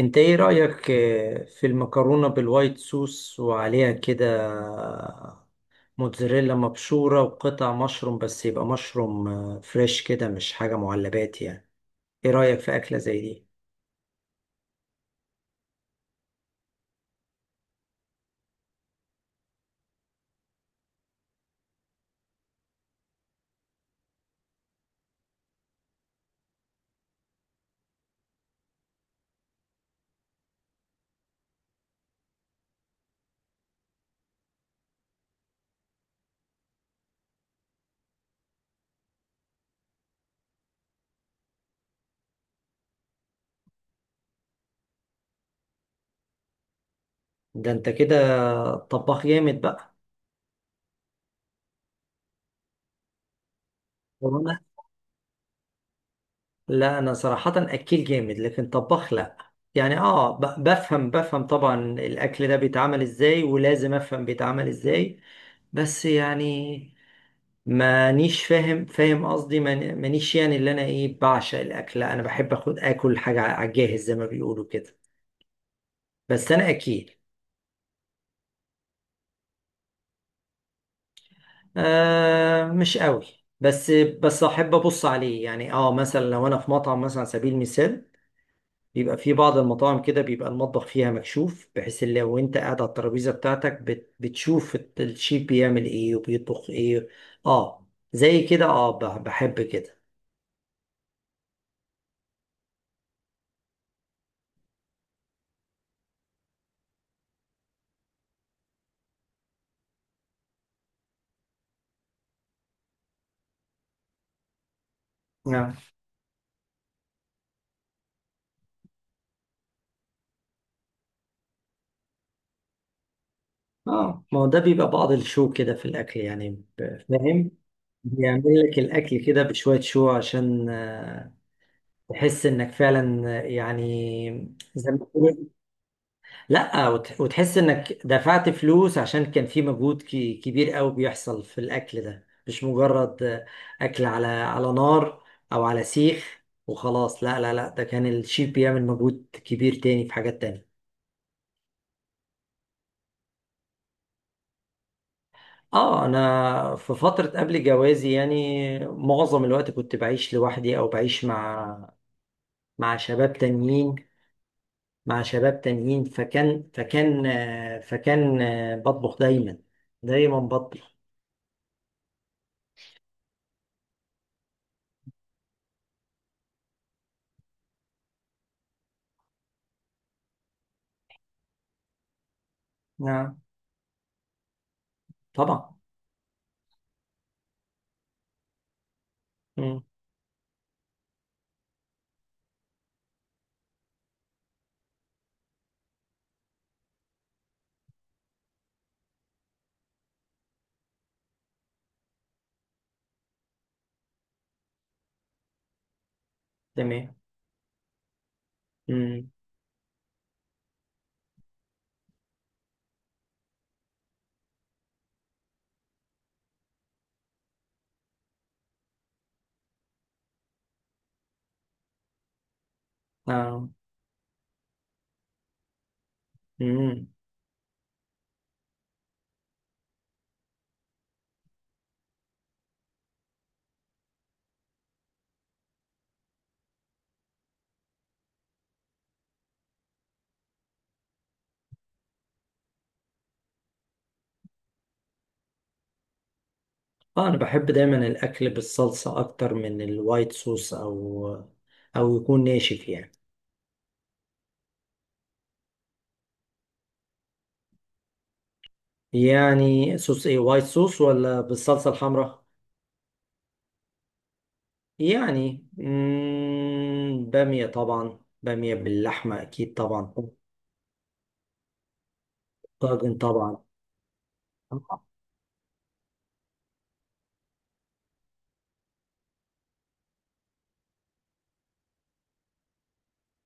انت ايه رأيك في المكرونة بالوايت صوص، وعليها كده موتزاريلا مبشورة وقطع مشروم، بس يبقى مشروم فريش كده، مش حاجة معلبات يعني. ايه رأيك في أكلة زي دي؟ ده انت كده طباخ جامد بقى. وانا لا، انا صراحة أكيل جامد، لكن طباخ لا. يعني بفهم طبعا الأكل ده بيتعمل ازاي، ولازم افهم بيتعمل ازاي، بس يعني مانيش فاهم فاهم، قصدي مانيش يعني اللي انا ايه بعشق الاكل. لا، انا بحب اخد اكل حاجه على الجاهز زي ما بيقولوا كده. بس انا اكيد مش قوي، بس احب ابص عليه. يعني مثلا لو انا في مطعم، مثلا على سبيل المثال، بيبقى في بعض المطاعم كده بيبقى المطبخ فيها مكشوف، بحيث إن لو انت قاعد على الترابيزه بتاعتك بتشوف الشيف بيعمل ايه وبيطبخ ايه. اه زي كده، بحب كده. اه، ما هو ده بيبقى بعض الشو كده في الاكل يعني. فاهم، بيعمل لك الاكل كده بشويه شو، عشان تحس انك فعلا يعني زي ما تقول. لا وتحس انك دفعت فلوس، عشان كان في مجهود كبير قوي بيحصل في الاكل ده، مش مجرد اكل على نار، او على سيخ وخلاص. لا لا لا، ده كان الشيف بيعمل مجهود كبير تاني في حاجات تانية. اه، انا في فترة قبل جوازي، يعني معظم الوقت كنت بعيش لوحدي، او بعيش مع شباب تانيين، فكان بطبخ دايما، دايما بطبخ. نعم، طبعا. مم. تمام. مم. آه. مم. اه انا بحب دايما الاكل بالصلصة اكتر من الوايت صوص، او يكون ناشف يعني. يعني صوص ايه، وايت صوص ولا بالصلصة الحمراء؟ يعني بامية طبعا، بامية باللحمة أكيد طبعا. طاجن طبعا.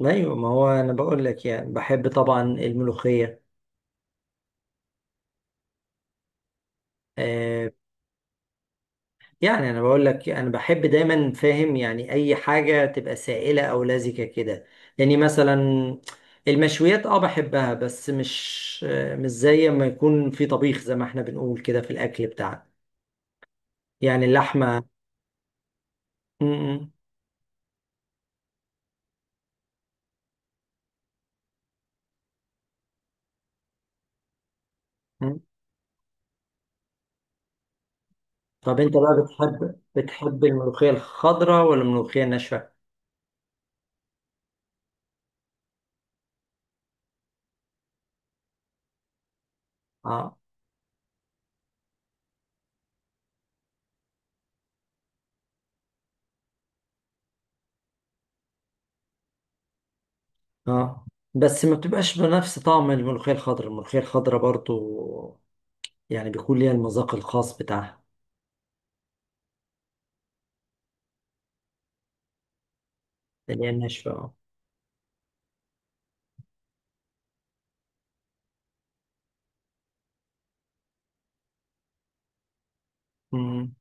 أيوة، ما هو أنا بقول لك يعني بحب طبعا الملوخية، آه. يعني أنا بقول لك أنا بحب دايما، فاهم يعني، أي حاجة تبقى سائلة أو لزجة كده، يعني مثلا المشويات أه بحبها، بس مش مش زي ما يكون في طبيخ، زي ما إحنا بنقول كده في الأكل بتاعنا، يعني اللحمة. مم. مم. طب انت بقى بتحب الملوخية الخضراء ولا الملوخية الناشفة؟ اه اه، بس ما بتبقاش بنفس طعم الملوخية الخضراء، الملوخية الخضراء برضو يعني بيكون ليها المذاق الخاص بتاعها. اللي هي الناشفة، اه. مم.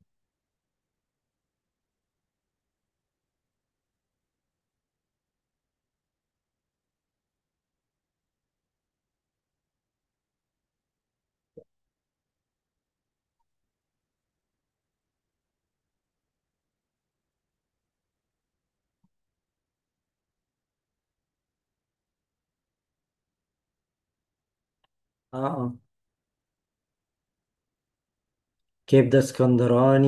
اه اه. كبدة اسكندراني،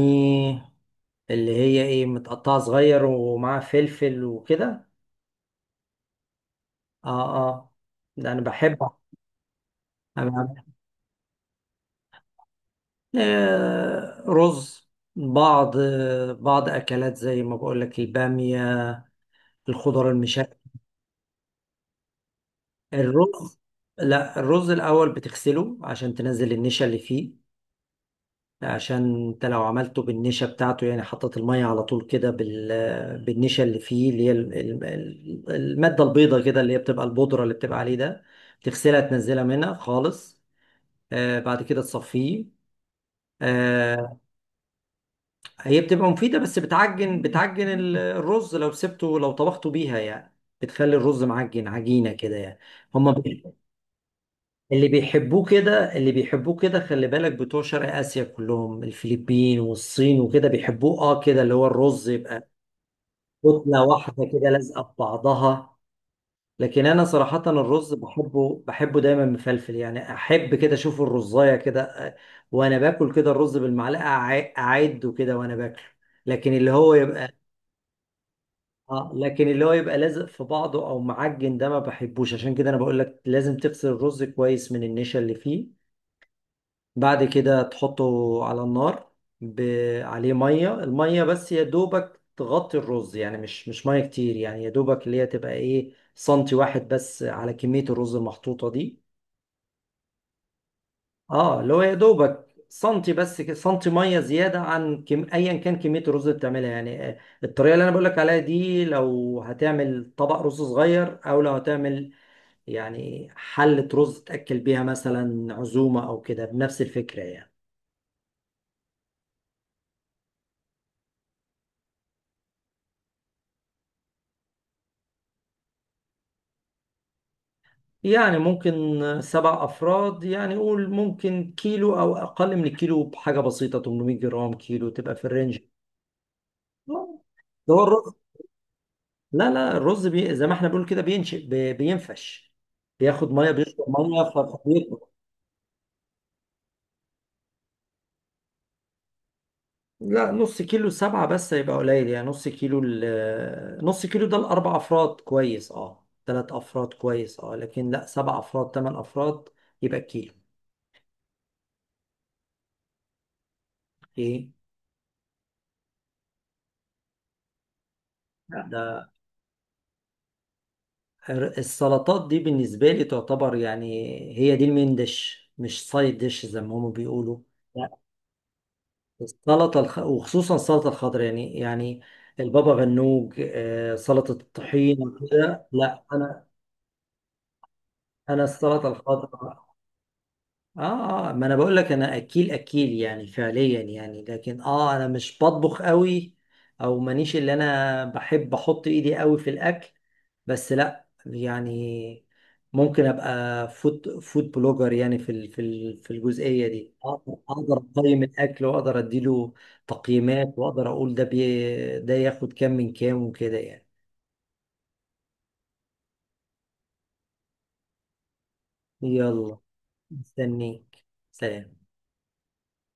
اللي هي ايه متقطعة صغير ومعاها فلفل وكده. اه اه، ده انا بحبها. انا بعملها. رز، بعض بعض اكلات زي ما بقول لك، البامية، الخضار المشا. الرز، لا، الرز الأول بتغسله عشان تنزل النشا اللي فيه، عشان انت لو عملته بالنشا بتاعته، يعني حطت المية على طول كده بالنشا اللي فيه، اللي هي المادة البيضة كده، اللي هي بتبقى البودرة اللي بتبقى عليه ده، تغسلها تنزلها منها خالص، آه. بعد كده تصفيه، آه. هي بتبقى مفيدة، بس بتعجن الرز لو سبته، لو طبخته بيها يعني، بتخلي الرز معجن عجينة كده يعني. هما اللي بيحبوه كده، اللي بيحبوه كده، خلي بالك، بتوع شرق آسيا كلهم، الفلبين والصين وكده، بيحبوه اه كده، اللي هو الرز يبقى كتلة واحدة كده لازقة في بعضها. لكن انا صراحة الرز بحبه دايما مفلفل يعني، احب كده اشوف الرزاية كده، آه، وانا باكل كده الرز بالمعلقة، اعده كده وانا باكله. لكن اللي هو يبقى، اه، لكن اللي هو يبقى لازق في بعضه او معجن، ده ما بحبوش. عشان كده انا بقول لك لازم تغسل الرز كويس من النشا اللي فيه، بعد كده تحطه على النار، ب... عليه ميه، الميه بس يا دوبك تغطي الرز، يعني مش ميه كتير يعني، يا دوبك اللي هي تبقى ايه سنتي واحد بس على كميه الرز المحطوطه دي. اه اللي هو يا دوبك سنتي بس كده، سنتي ميه زياده عن ايا كان كميه الرز اللي بتعملها يعني. الطريقه اللي انا بقول لك عليها دي، لو هتعمل طبق رز صغير، او لو هتعمل يعني حله رز تاكل بيها مثلا عزومه او كده، بنفس الفكره يعني. يعني ممكن سبع أفراد، يعني قول ممكن كيلو أو أقل من الكيلو بحاجة بسيطة، 800 جرام، كيلو، تبقى في الرينج. آه. ده هو الرز، لا لا، الرز زي ما احنا بنقول كده بينشئ، بينفش، بياخد مية، بيشرب مية، فبيكبر. لا، نص كيلو سبعة بس يبقى قليل، يعني نص كيلو نص كيلو ده لأربع أفراد كويس، اه، ثلاث أفراد كويس اه، لكن لا، سبع أفراد، ثمان أفراد، يبقى كيلو. ايه؟ لا، ده السلطات دي بالنسبة لي تعتبر يعني هي دي المين ديش، مش سايد ديش، زي ما هم بيقولوا. لا، السلطة وخصوصا السلطة الخضراء، يعني، يعني البابا غنوج، سلطة الطحين كده، لا أنا، أنا السلطة الخضراء. آه آه، ما أنا بقول لك أنا أكيل أكيل يعني، فعليا يعني، لكن آه أنا مش بطبخ قوي، أو مانيش اللي أنا بحب أحط إيدي قوي في الأكل. بس لا يعني، ممكن ابقى فود بلوجر يعني، في في الجزئيه دي اقدر، أقدر اقيم الاكل، واقدر اديله تقييمات، واقدر اقول ده بي ده ياخد كام من كام وكده يعني. يلا، مستنيك. سلام.